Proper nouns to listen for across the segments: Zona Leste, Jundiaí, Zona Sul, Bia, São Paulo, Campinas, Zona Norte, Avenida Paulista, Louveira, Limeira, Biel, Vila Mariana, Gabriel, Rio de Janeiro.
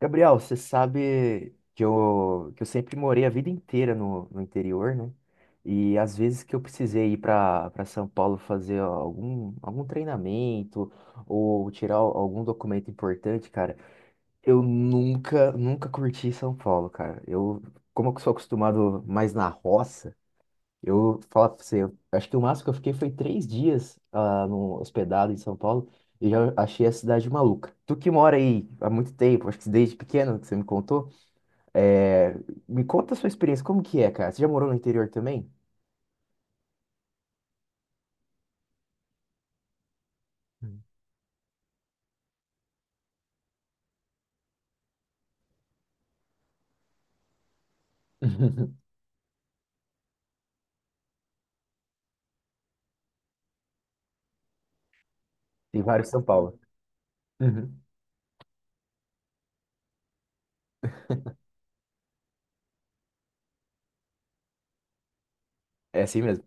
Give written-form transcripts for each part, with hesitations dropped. Gabriel, você sabe que eu sempre morei a vida inteira no interior, né? E às vezes que eu precisei ir para São Paulo fazer algum treinamento ou tirar algum documento importante, cara, eu nunca, nunca curti São Paulo, cara. Eu, como eu sou acostumado mais na roça, eu falo pra você, eu acho que o máximo que eu fiquei foi 3 dias no hospedado em São Paulo e já achei a cidade maluca. Tu que mora aí há muito tempo, acho que desde pequeno que você me contou, é, me conta a sua experiência, como que é, cara? Você já morou no interior também? Uhum. Tem vários em São Paulo. Uhum. É assim mesmo.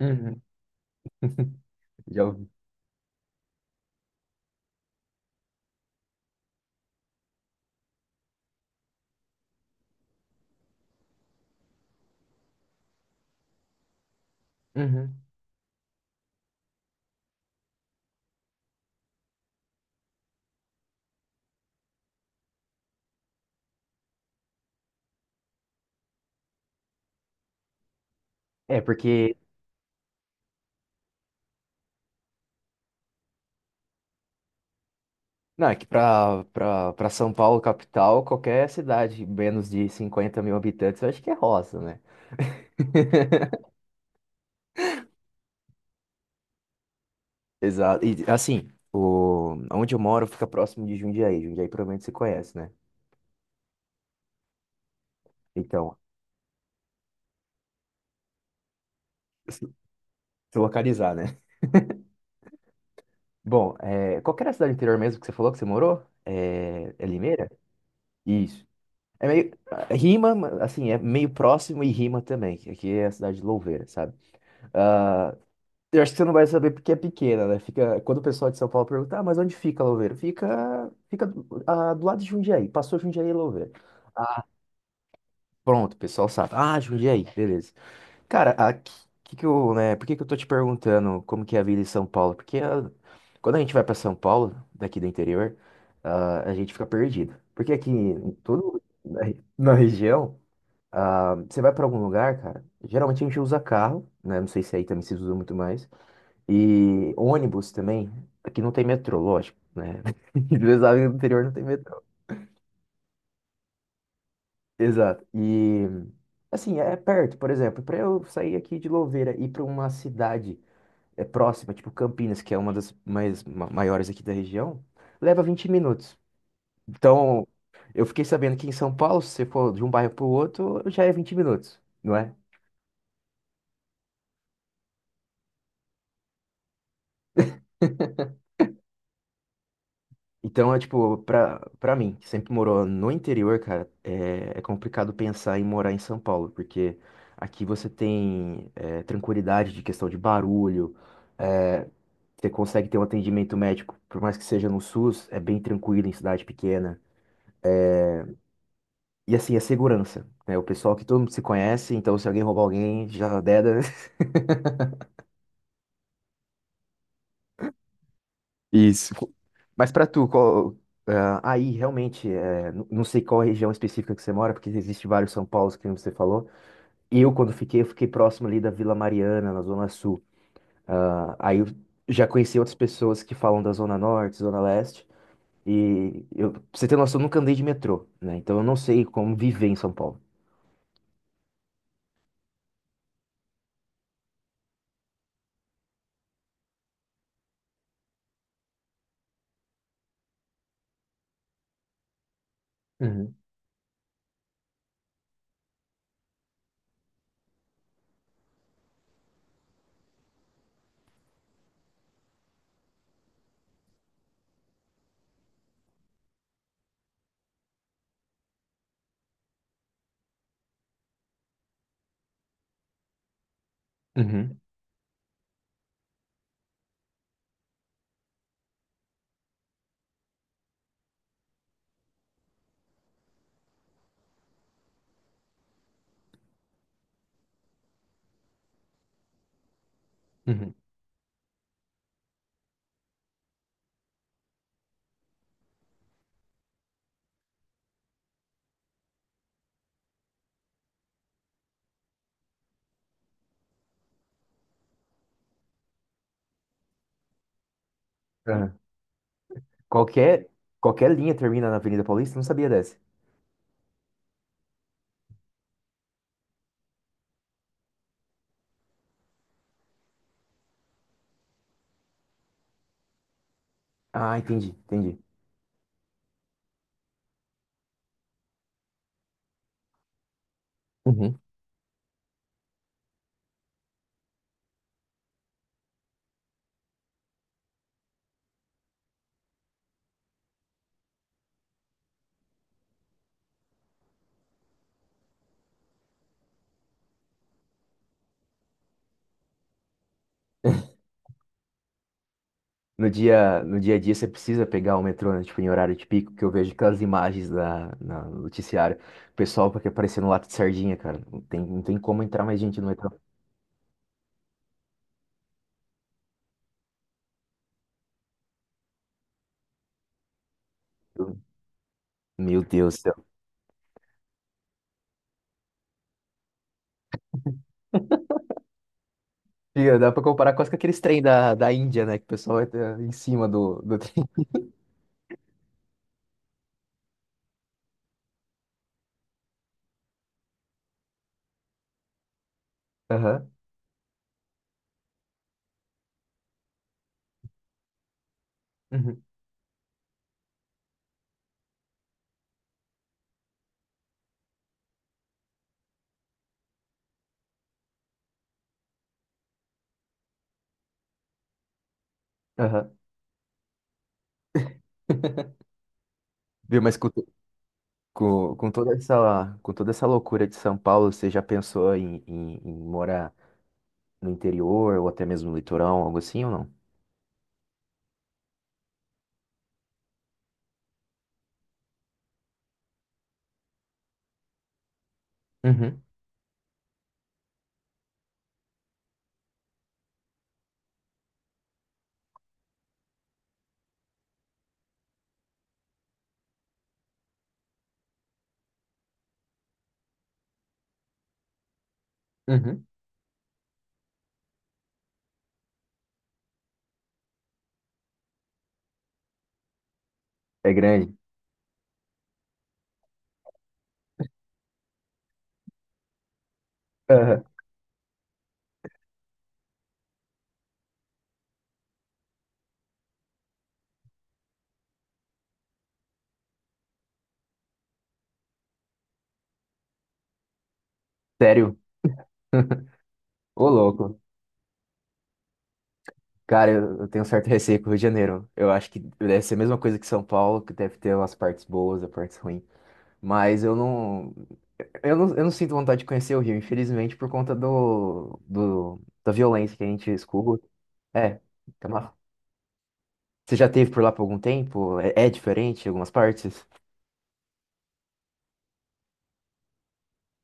Uhum. Já ouvi. Uhum. É, porque. Não, é que pra São Paulo, capital, qualquer cidade menos de 50 mil habitantes, eu acho que é roça, né? Exato. E assim, onde eu moro fica próximo de Jundiaí. Jundiaí provavelmente você conhece, né? Então, se se localizar, né? Bom, qual que era a cidade interior mesmo que você falou que você morou? É Limeira? Isso. É meio. Rima, assim, é meio próximo e rima também. Que Aqui é a cidade de Louveira, sabe? Ah, eu acho que você não vai saber porque é pequena, né? Fica... Quando o pessoal de São Paulo pergunta, ah, mas onde fica Louveira? Fica do lado de Jundiaí. Passou Jundiaí e Louveira. Pronto, o pessoal sabe. Ah, Jundiaí, beleza. Cara, que eu, né, por que que eu tô te perguntando como que é a vida em São Paulo? Porque quando a gente vai pra São Paulo, daqui do interior, a gente fica perdido. Porque aqui em todo na, na região, você vai pra algum lugar, cara, geralmente a gente usa carro, né? Não sei se aí também se usa muito mais. E ônibus também. Aqui não tem metrô, lógico, né? Eles sabem que no interior não tem metrô. Exato. E assim, é perto, por exemplo, pra eu sair aqui de Louveira e ir pra uma cidade é próxima, tipo Campinas, que é uma das mais maiores aqui da região, leva 20 minutos. Então, eu fiquei sabendo que em São Paulo, se você for de um bairro pro outro, já é 20 minutos, não é? Então, é tipo, pra mim, que sempre morou no interior, cara, é complicado pensar em morar em São Paulo, porque aqui você tem tranquilidade de questão de barulho, é, você consegue ter um atendimento médico, por mais que seja no SUS, é bem tranquilo em cidade pequena. E assim, a segurança, né? O pessoal que todo mundo se conhece, então se alguém roubar alguém, já deda. Isso. Mas pra tu, qual, aí realmente, não sei qual região específica que você mora, porque existe vários São Paulos, que nem você falou. Eu, quando fiquei, eu fiquei próximo ali da Vila Mariana, na Zona Sul. Ah, aí eu já conheci outras pessoas que falam da Zona Norte, Zona Leste. E eu, pra você ter noção, eu nunca andei de metrô, né? Então eu não sei como viver em São Paulo. Uhum, uhum, uhum. Qualquer, qualquer linha termina na Avenida Paulista? Não sabia dessa. Ah, entendi, entendi. Uhum. No dia a dia você precisa pegar o metrô, né, tipo, em horário de pico, que eu vejo aquelas imagens no noticiário. O pessoal porque aparecendo lato de sardinha, cara. Não tem como entrar mais gente no metrô. Meu Deus do céu. E dá pra comparar quase com aqueles trem da Índia, né? Que o pessoal entra em cima do trem. Aham. Uhum. Aham. Viu, mas com toda essa loucura de São Paulo, você já pensou em, em morar? No interior ou até mesmo no litoral algo assim ou não? Uhum, uhum. É grande? Aham. Sério? Ô, louco. Cara, eu tenho um certo receio com o Rio de Janeiro. Eu acho que deve ser a mesma coisa que São Paulo, que deve ter umas partes boas e partes ruins. Mas eu não sinto vontade de conhecer o Rio, infelizmente, por conta da violência que a gente escuta. É, tá uma- você já teve por lá por algum tempo? É diferente em algumas partes?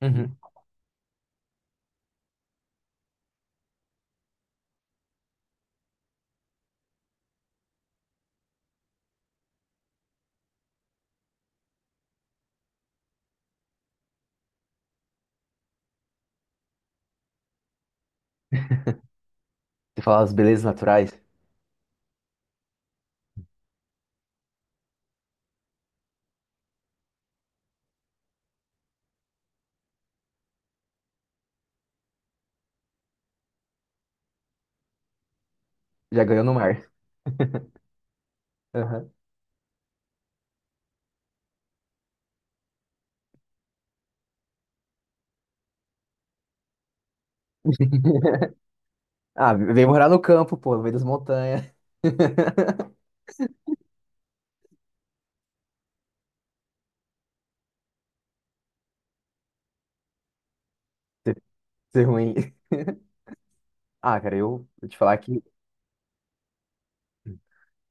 Uhum. Você fala as belezas naturais? Já ganhou no mar. Ah, vem morar no campo, pô, no meio das montanhas. Ser ser ruim. Ah, cara, eu vou te falar que.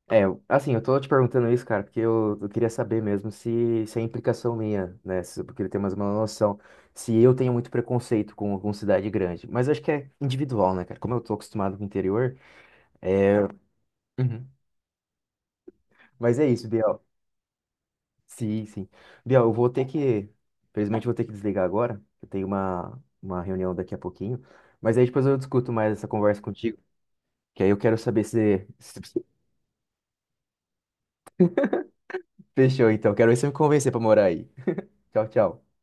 É, assim, eu tô te perguntando isso, cara, porque eu queria saber mesmo se é implicação minha, né? Porque ele tem mais uma noção. Se eu tenho muito preconceito com cidade grande. Mas acho que é individual, né, cara? Como eu tô acostumado com o interior. Uhum. Mas é isso, Biel. Sim, sim. Bia, eu vou ter que. Infelizmente, eu vou ter que desligar agora. Eu tenho uma reunião daqui a pouquinho. Mas aí depois eu discuto mais essa conversa contigo. Que aí eu quero saber se fechou, então. Quero ver se você me convencer pra morar aí. Tchau, tchau.